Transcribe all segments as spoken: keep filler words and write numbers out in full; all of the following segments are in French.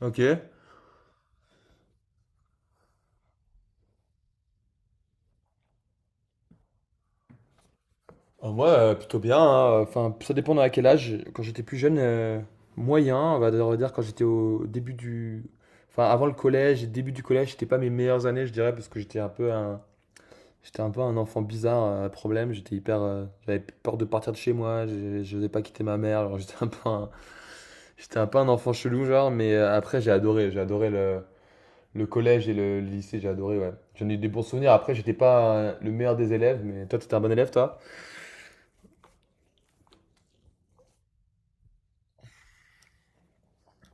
Ok. Euh, moi, euh, plutôt bien. Hein. Enfin, ça dépend à quel âge. Quand j'étais plus jeune, euh, moyen. On va dire on va dire quand j'étais au début du, enfin avant le collège et début du collège, c'était pas mes meilleures années, je dirais, parce que j'étais un peu un, j'étais un peu un enfant bizarre, à problème. J'étais hyper, euh, j'avais peur de partir de chez moi. Je, je n'osais pas quitter ma mère. Alors j'étais un peu un, j'étais un peu un enfant chelou, genre. Mais euh, après, j'ai adoré. J'ai adoré le, le collège et le, le lycée. J'ai adoré. Ouais. J'en ai eu des bons souvenirs. Après, j'étais pas euh, le meilleur des élèves, mais toi, t'étais un bon élève, toi.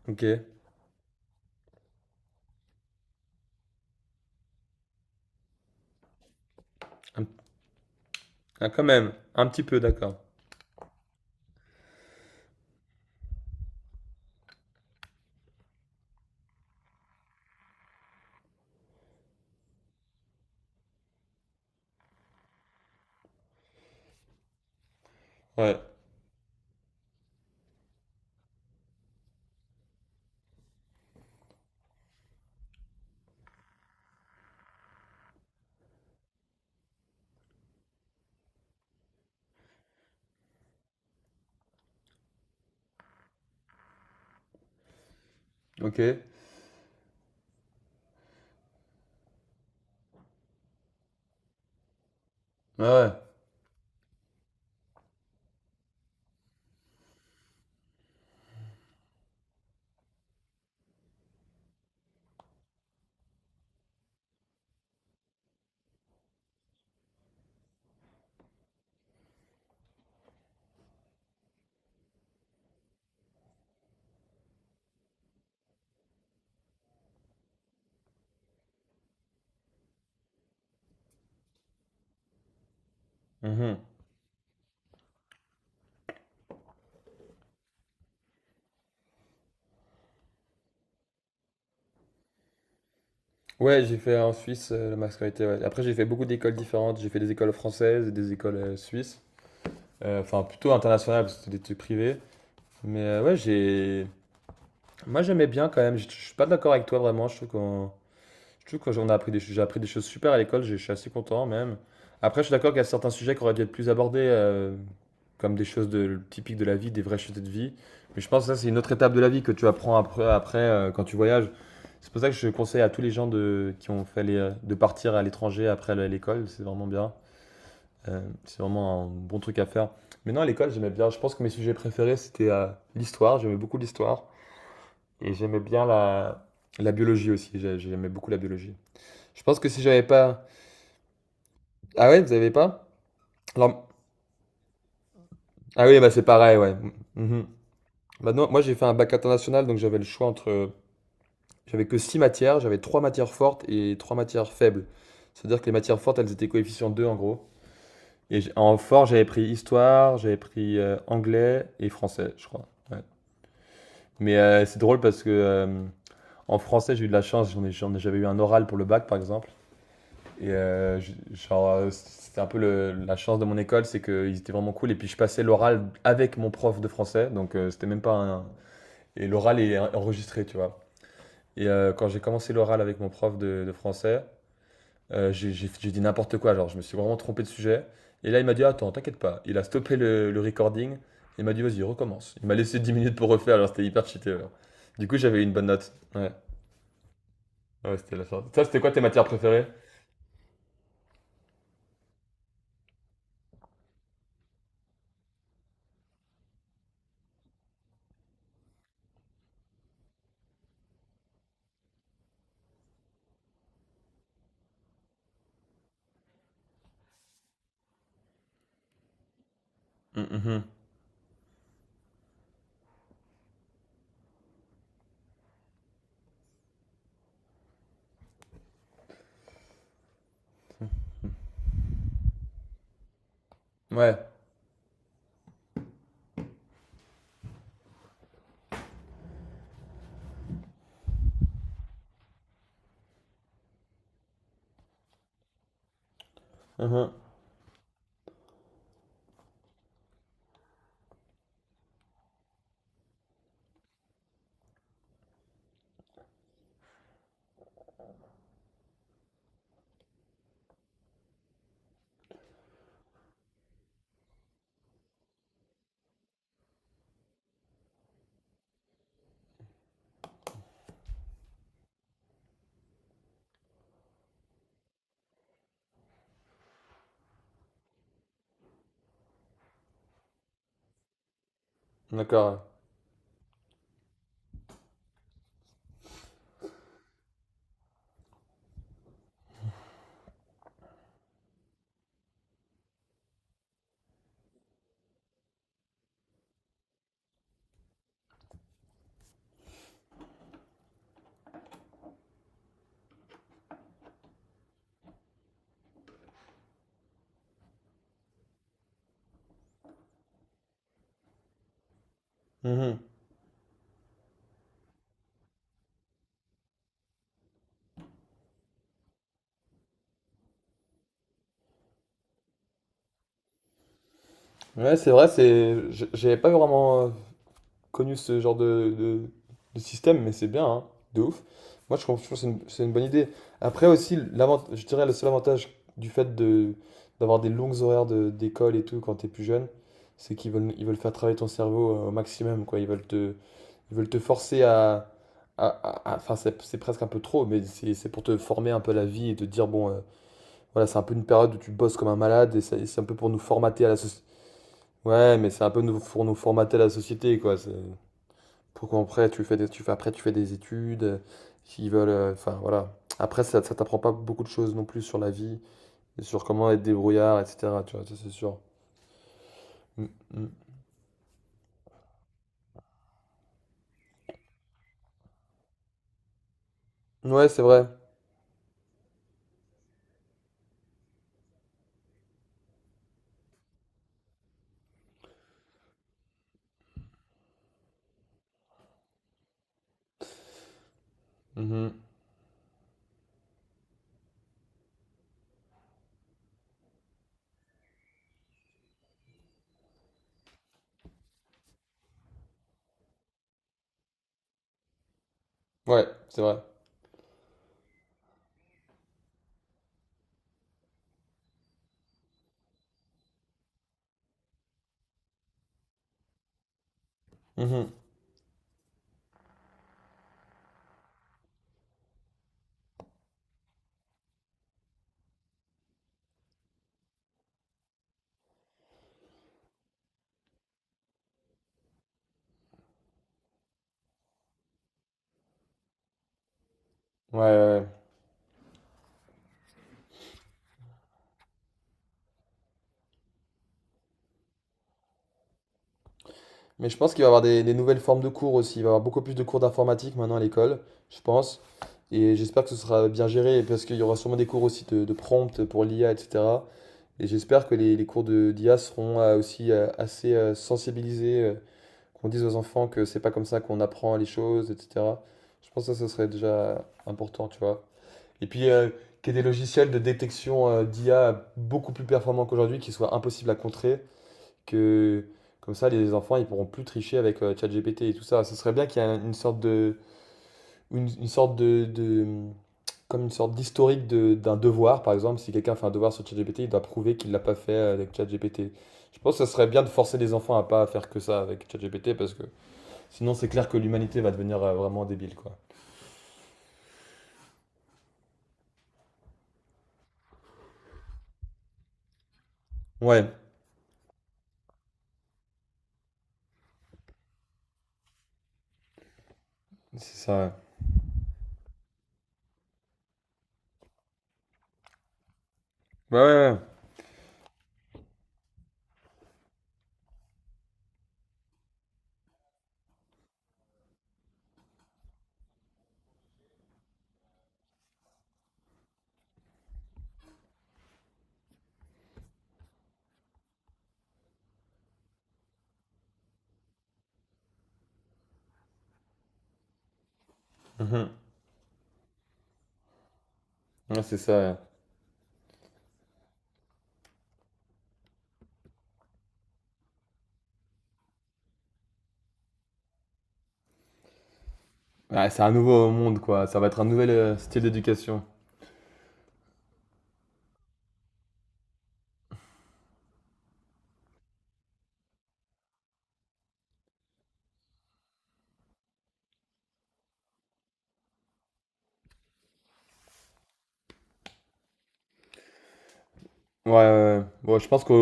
Ok. Un- ah, quand même, un petit peu, d'accord. Ouais. Ok. Ouais. Ouais. Mhm. Ouais, j'ai fait en Suisse euh, la mascarité. Ouais. Après, j'ai fait beaucoup d'écoles différentes. J'ai fait des écoles françaises et des écoles euh, suisses. Euh, Enfin, plutôt internationales, parce que c'était des trucs privés. Mais euh, ouais, j'ai. Moi, j'aimais bien quand même. Je je suis pas d'accord avec toi vraiment. Je trouve qu'on Je trouve que j'en ai appris des j'ai appris des choses super à l'école, j'ai je suis assez content même. Après, je suis d'accord qu'il y a certains sujets qui auraient dû être plus abordés, heu, comme des choses de typiques de la vie, des vraies choses de vie. Mais je pense que ça, c'est une autre étape de la vie que tu apprends après après, heu, quand tu voyages. C'est pour ça que je conseille à tous les gens de qui ont fait les, euh, de partir à l'étranger après le l'école, c'est vraiment bien. Heu, c'est vraiment un bon truc à faire. Mais non, à l'école, j'aimais bien. Je pense que mes sujets préférés, c'était, heu, l'histoire, j'aimais beaucoup l'histoire et j'aimais bien la la biologie aussi, j'ai j'aimais beaucoup la biologie. Je pense que si j'avais pas. Ah ouais, vous avez pas? Alors. Ah oui, bah c'est pareil, ouais. Mhm. Bah non, moi j'ai fait un bac international, donc j'avais le choix entre. J'avais que six matières, j'avais trois matières fortes et trois matières faibles. C'est-à-dire que les matières fortes, elles étaient coefficient deux en gros. Et j'- en fort, j'avais pris histoire, j'avais pris euh, anglais et français, je crois. Ouais. Mais euh, c'est drôle parce que euh, en français, j'ai eu de la chance, j'en ai, j'en ai- j'avais eu un oral pour le bac par exemple. Et euh, j- genre, euh, c'était un peu le- la chance de mon école, c'est qu'ils étaient vraiment cool. Et puis je passais l'oral avec mon prof de français, donc euh, c'était même pas un. Et l'oral est en- enregistré, tu vois. Et euh, quand j'ai commencé l'oral avec mon prof de, de français, euh, j'ai j'ai- j'ai dit n'importe quoi, genre je me suis vraiment trompé de sujet. Et là, il m'a dit, attends, t'inquiète pas. Il a stoppé le, le recording. Il m'a dit, vas-y, recommence. Il m'a laissé dix minutes pour refaire, alors c'était hyper cheaté. Alors. Du coup, j'avais une bonne note. Ouais, ouais, c'était la chance. Ça, c'était quoi tes matières préférées? Mm, mhm. Ouais. Mhm. D'accord. Ouais. Mhm. Ouais, c'est vrai, c'est, j- j'avais pas vraiment euh, connu ce genre de, de- de système, mais c'est bien, hein, de ouf. Moi, je trouve je trouve que c'est une, c'est une bonne idée. Après aussi, l'avant- je dirais le seul avantage du fait de d'avoir des longues horaires de- d'école et tout quand t'es plus jeune, c'est qu'ils veulent, ils veulent faire travailler ton cerveau euh, au maximum, quoi. Ils veulent te, ils veulent te forcer à, à- à- à- enfin, c'est c'est presque un peu trop, mais c'est c'est pour te former un peu à la vie et te dire, bon, euh, voilà, c'est un peu une période où tu bosses comme un malade et ça- et c'est un peu pour nous formater à la société. Ouais, mais c'est un peu nous, pour nous formater la société, quoi. C'est pour qu'après tu fais des, tu fais, après tu fais des études, euh, qui veulent, euh, enfin voilà. Après, ça, ça t'apprend pas beaucoup de choses non plus sur la vie, et sur comment être débrouillard, et cetera. Tu vois, ça c'est sûr. Mm, mm. Ouais, c'est vrai. Mhm. Ouais, c'est vrai. Mhm. Ouais, ouais, ouais. Mais je pense qu'il va y avoir des, des nouvelles formes de cours aussi. Il va y avoir beaucoup plus de cours d'informatique maintenant à l'école, je pense. Et j'espère que ce sera bien géré, parce qu'il y aura sûrement des cours aussi de, de prompt pour l'I A, et cetera. Et j'espère que les, les cours de d'I A seront euh, aussi euh, assez euh, sensibilisés, euh, qu'on dise aux enfants que c'est pas comme ça qu'on apprend les choses, et cetera. Je pense que ça, ce serait déjà important, tu vois. Et puis, euh, qu'il y ait des logiciels de détection euh, d'I A beaucoup plus performants qu'aujourd'hui, qui soient impossibles à contrer, que comme ça, les enfants, ils pourront plus tricher avec euh, ChatGPT et tout ça. Ce serait bien qu'il y ait une sorte de, une, une sorte de, de, comme une sorte d'historique de- d'un devoir, par exemple, si quelqu'un fait un devoir sur ChatGPT, il doit prouver qu'il l'a pas fait avec ChatGPT. Je pense que ça serait bien de forcer les enfants à pas faire que ça avec ChatGPT parce que sinon c'est clair que l'humanité va devenir euh, vraiment débile quoi. Ouais, c'est ça. Ouais, ouais, ouais. Mhm. Ouais, c'est ça. Ouais. Ouais, c'est un nouveau monde quoi, ça va être un nouvel euh, style d'éducation. Ouais, ouais, ouais. Bon, je pense que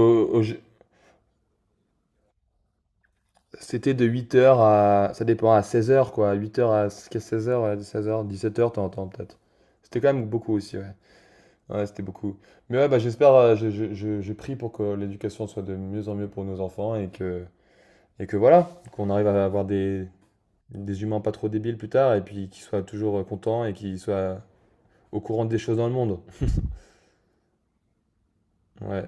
c'était de huit heures à ça dépend à seize heures quoi, huit heures à seize heures, seize heures, dix-sept heures, t'entends peut-être. C'était quand même beaucoup aussi, ouais. Ouais, c'était beaucoup. Mais ouais, bah, j'espère, euh, je, je, je, je prie pour que l'éducation soit de mieux en mieux pour nos enfants et que, et que voilà, qu'on arrive à avoir des, des humains pas trop débiles plus tard et puis qu'ils soient toujours euh, contents et qu'ils soient au courant des choses dans le monde. Ouais.